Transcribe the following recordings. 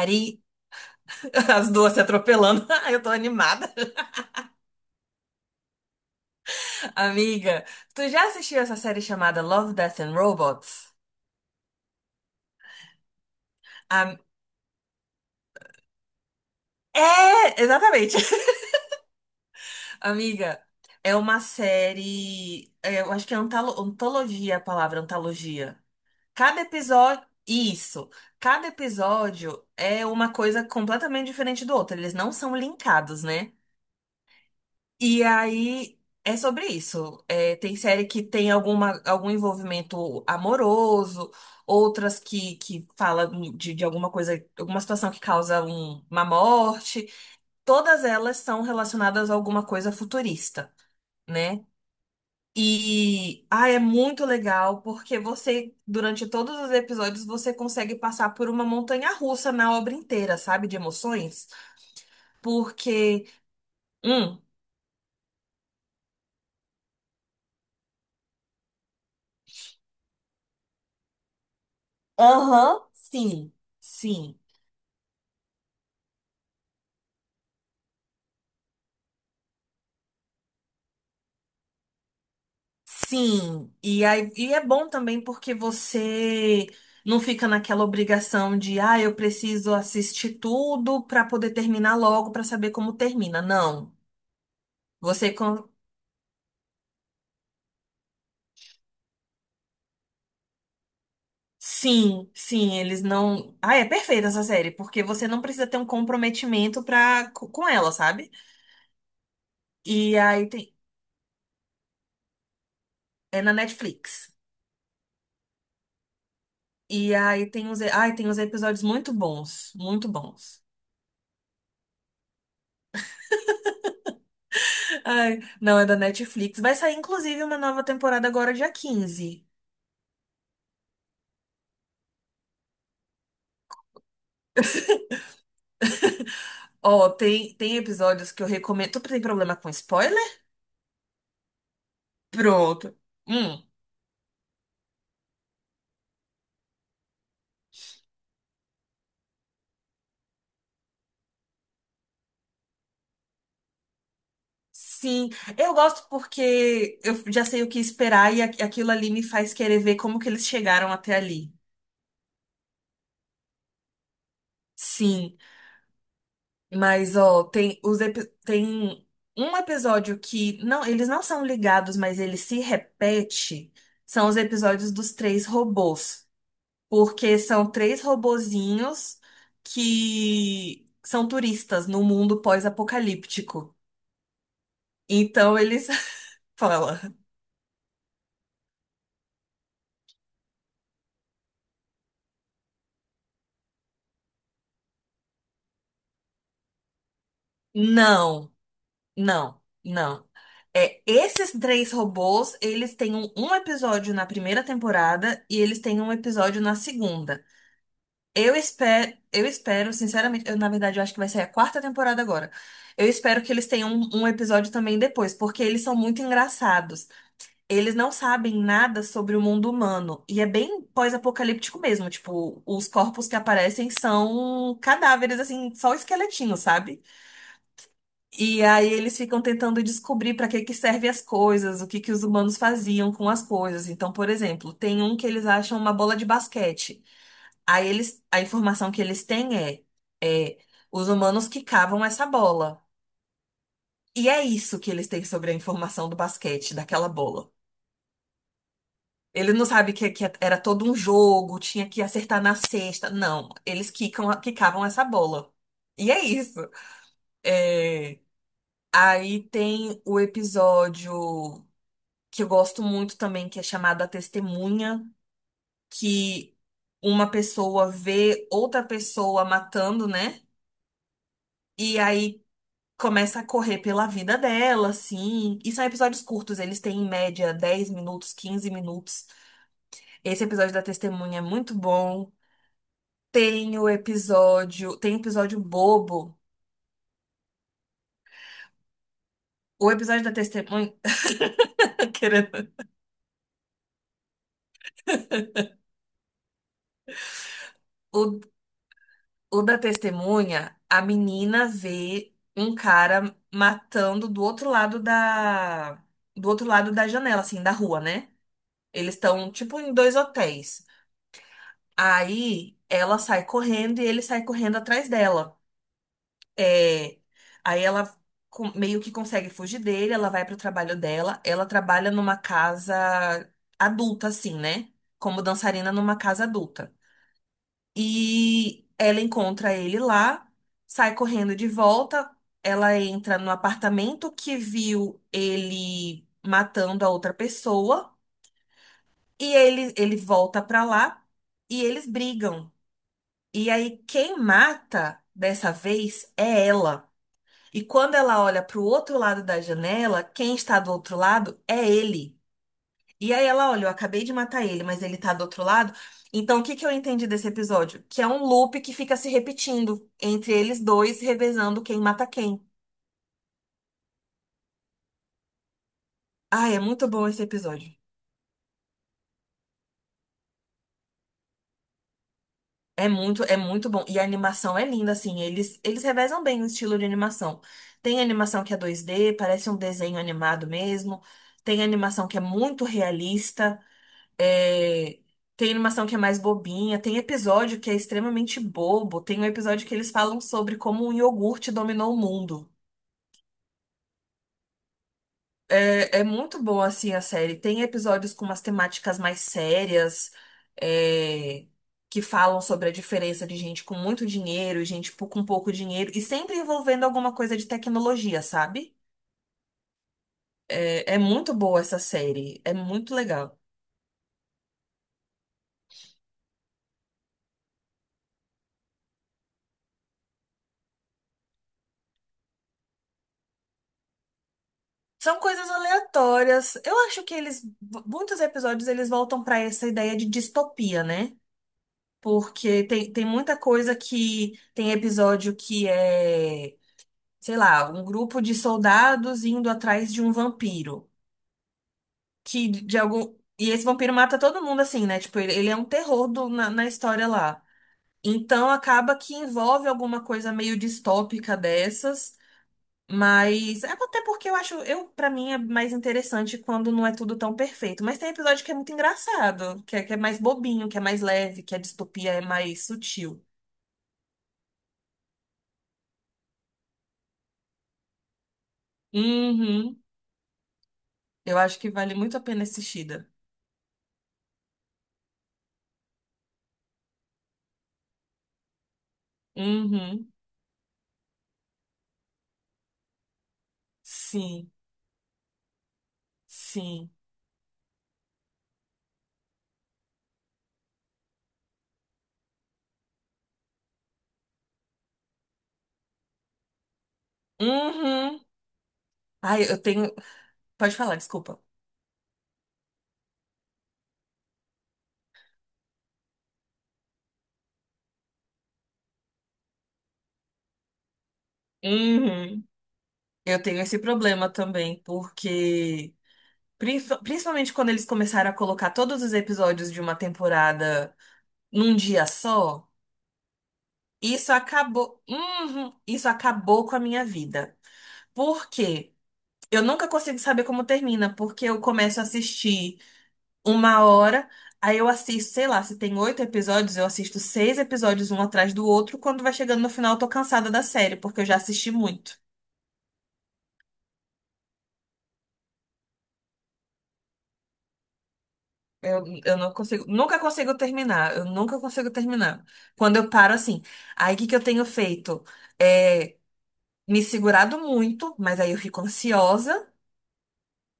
Ari, as duas se atropelando. Eu tô animada. Amiga, tu já assistiu essa série chamada Love, Death and Robots? Am- É, exatamente. Amiga, é uma série. Eu acho que é antologia a palavra, antologia. Cada episódio. Isso. Cada episódio é uma coisa completamente diferente do outro. Eles não são linkados, né? E aí é sobre isso. É, tem série que tem algum envolvimento amoroso, outras que falam de alguma coisa, alguma situação que causa uma morte. Todas elas são relacionadas a alguma coisa futurista, né? E é muito legal porque você, durante todos os episódios, você consegue passar por uma montanha russa na obra inteira, sabe? De emoções. Porque... Hum. Aham, sim, sim. Sim, e aí, é bom também porque você não fica naquela obrigação de, ah, eu preciso assistir tudo para poder terminar logo, para saber como termina. Não. Você. Sim, sim, eles não. Ah, é perfeita essa série, porque você não precisa ter um comprometimento pra com ela, sabe? E aí tem. É na Netflix. E aí tem uns. Ai, tem uns episódios muito bons, muito bons. Ai, não, é da Netflix. Vai sair, inclusive, uma nova temporada agora, dia 15. Ó, tem episódios que eu recomendo. Tu tem problema com spoiler? Pronto. Hum. Sim, eu gosto porque eu já sei o que esperar e aquilo ali me faz querer ver como que eles chegaram até ali. Sim, mas ó, tem um episódio que não, eles não são ligados, mas ele se repete, são os episódios dos três robôs, porque são três robozinhos que são turistas no mundo pós-apocalíptico. Então eles falam não, não, não. É, esses três robôs, eles têm um episódio na primeira temporada e eles têm um episódio na segunda. Eu espero, sinceramente, eu, na verdade, eu acho que vai sair a quarta temporada agora. Eu espero que eles tenham um episódio também depois, porque eles são muito engraçados. Eles não sabem nada sobre o mundo humano. E é bem pós-apocalíptico mesmo. Tipo, os corpos que aparecem são cadáveres, assim, só esqueletinhos, sabe? E aí eles ficam tentando descobrir para que que servem as coisas, o que que os humanos faziam com as coisas. Então, por exemplo, tem um que eles acham uma bola de basquete. Aí eles, a informação que eles têm é, os humanos quicavam essa bola. E é isso que eles têm sobre a informação do basquete, daquela bola. Eles não sabem que era todo um jogo, tinha que acertar na cesta. Não, eles quicavam essa bola. E é isso. É, aí tem o episódio que eu gosto muito também, que é chamada testemunha, que uma pessoa vê outra pessoa matando, né? E aí começa a correr pela vida dela, assim. E são episódios curtos, eles têm em média 10 minutos, 15 minutos. Esse episódio da testemunha é muito bom. Tem o episódio, tem episódio bobo. O episódio da testemunha, querendo. o O da testemunha, a menina vê um cara matando do outro lado da janela, assim, da rua, né? Eles estão tipo em dois hotéis. Aí ela sai correndo e ele sai correndo atrás dela. É, aí ela meio que consegue fugir dele, ela vai pro trabalho dela. Ela trabalha numa casa adulta, assim, né? Como dançarina numa casa adulta. E ela encontra ele lá, sai correndo de volta. Ela entra no apartamento que viu ele matando a outra pessoa. E ele volta pra lá e eles brigam. E aí, quem mata dessa vez é ela. E quando ela olha pro outro lado da janela, quem está do outro lado é ele. E aí ela, olha, eu acabei de matar ele, mas ele tá do outro lado. Então, o que que eu entendi desse episódio? Que é um loop que fica se repetindo entre eles dois, revezando quem mata quem. Ah, é muito bom esse episódio. É muito bom. E a animação é linda, assim. Eles revezam bem o estilo de animação. Tem animação que é 2D, parece um desenho animado mesmo. Tem animação que é muito realista. É, tem animação que é mais bobinha, tem episódio que é extremamente bobo, tem um episódio que eles falam sobre como um iogurte dominou o mundo. É, é muito bom, assim, a série. Tem episódios com umas temáticas mais sérias, é, que falam sobre a diferença de gente com muito dinheiro e gente com pouco dinheiro, e sempre envolvendo alguma coisa de tecnologia, sabe? É muito boa essa série, é muito legal. São coisas aleatórias. Eu acho que muitos episódios eles voltam para essa ideia de distopia, né? Porque tem muita coisa que tem episódio que é, sei lá, um grupo de soldados indo atrás de um vampiro, que de algum e esse vampiro mata todo mundo assim, né? Tipo, ele é um terror na história lá. Então acaba que envolve alguma coisa meio distópica dessas. Mas é até porque eu, para mim, é mais interessante quando não é tudo tão perfeito. Mas tem episódio que é muito engraçado, que é mais bobinho, que é mais leve, que a distopia é mais sutil. Uhum. Eu acho que vale muito a pena assistida. Uhum. Sim, sim. Uhum. Ai, eu tenho. Pode falar, desculpa. Uhum. Eu tenho esse problema também, porque principalmente quando eles começaram a colocar todos os episódios de uma temporada num dia só. Isso acabou, uhum, isso acabou com a minha vida. Por quê? Eu nunca consigo saber como termina, porque eu começo a assistir uma hora, aí eu assisto, sei lá, se tem oito episódios, eu assisto seis episódios um atrás do outro. Quando vai chegando no final, eu tô cansada da série, porque eu já assisti muito. Eu não consigo, nunca consigo terminar, eu nunca consigo terminar. Quando eu paro assim, aí o que que eu tenho feito? É me segurado muito, mas aí eu fico ansiosa.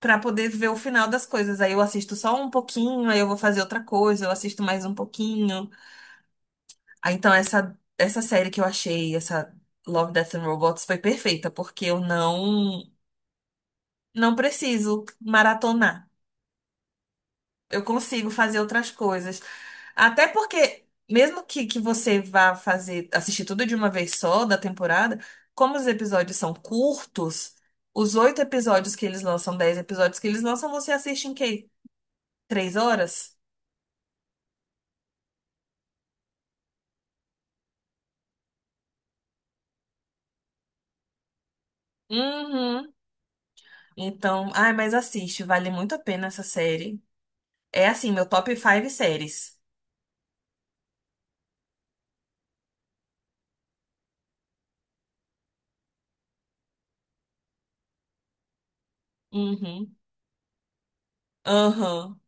Pra poder ver o final das coisas. Aí eu assisto só um pouquinho, aí eu vou fazer outra coisa, eu assisto mais um pouquinho. Ah, então essa série que eu achei, essa Love, Death and Robots foi perfeita, porque eu não preciso maratonar. Eu consigo fazer outras coisas. Até porque mesmo que você vá fazer assistir tudo de uma vez só da temporada, como os episódios são curtos, os oito episódios que eles lançam, dez episódios que eles lançam, você assiste em que, 3 horas? Uhum. Então, ai, mas assiste, vale muito a pena essa série. É assim, meu top 5 séries. Uhum. Aham.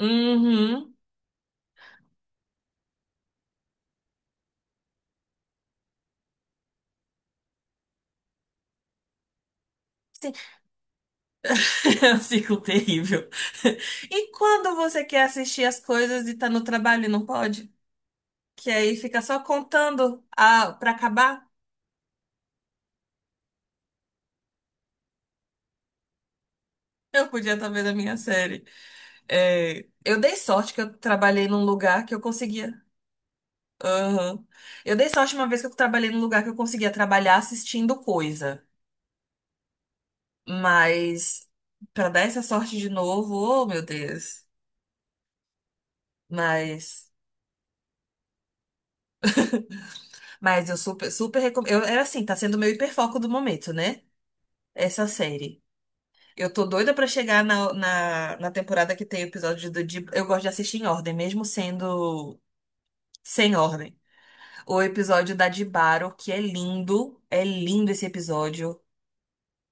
Uhum. Sim. É um ciclo terrível. E quando você quer assistir as coisas e tá no trabalho e não pode? Que aí fica só contando a, pra acabar. Eu podia estar vendo a minha série. É, eu dei sorte que eu trabalhei num lugar que eu conseguia. Aham. Eu dei sorte uma vez que eu trabalhei num lugar que eu conseguia trabalhar assistindo coisa. Mas pra dar essa sorte de novo, oh meu Deus. Mas, mas eu super, super recomendo. Eu, é assim, tá sendo o meu hiperfoco do momento, né? Essa série. Eu tô doida pra chegar na temporada que tem o episódio do. Eu gosto de assistir em ordem, mesmo sendo sem ordem. O episódio da Dibaro, que é lindo. É lindo esse episódio.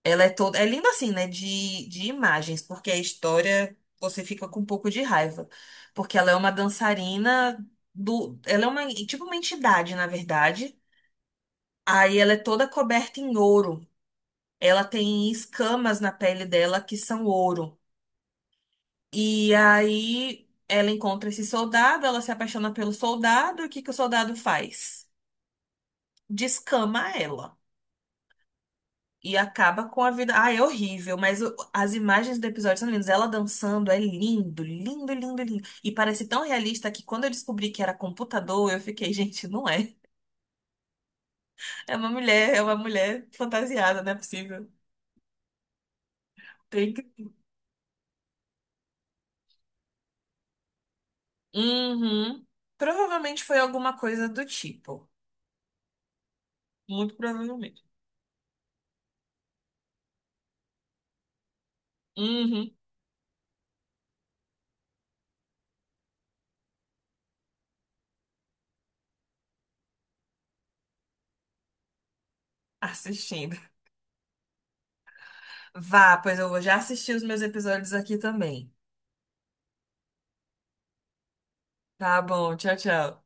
Ela é toda. É linda assim, né? De imagens, porque a história você fica com um pouco de raiva. Porque ela é uma dançarina do. Ela é uma, tipo uma entidade, na verdade. Aí ela é toda coberta em ouro. Ela tem escamas na pele dela que são ouro. E aí ela encontra esse soldado, ela se apaixona pelo soldado, e o que que o soldado faz? Descama ela. E acaba com a vida. Ah, é horrível, mas as imagens do episódio são lindas. Ela dançando é lindo, lindo, lindo, lindo. E parece tão realista que quando eu descobri que era computador, eu fiquei, gente, não é. É uma mulher fantasiada, não é possível. Tem que. Uhum. Provavelmente foi alguma coisa do tipo. Muito provavelmente. Uhum. Assistindo. Vá, pois eu vou já assistir os meus episódios aqui também. Tá bom, tchau, tchau.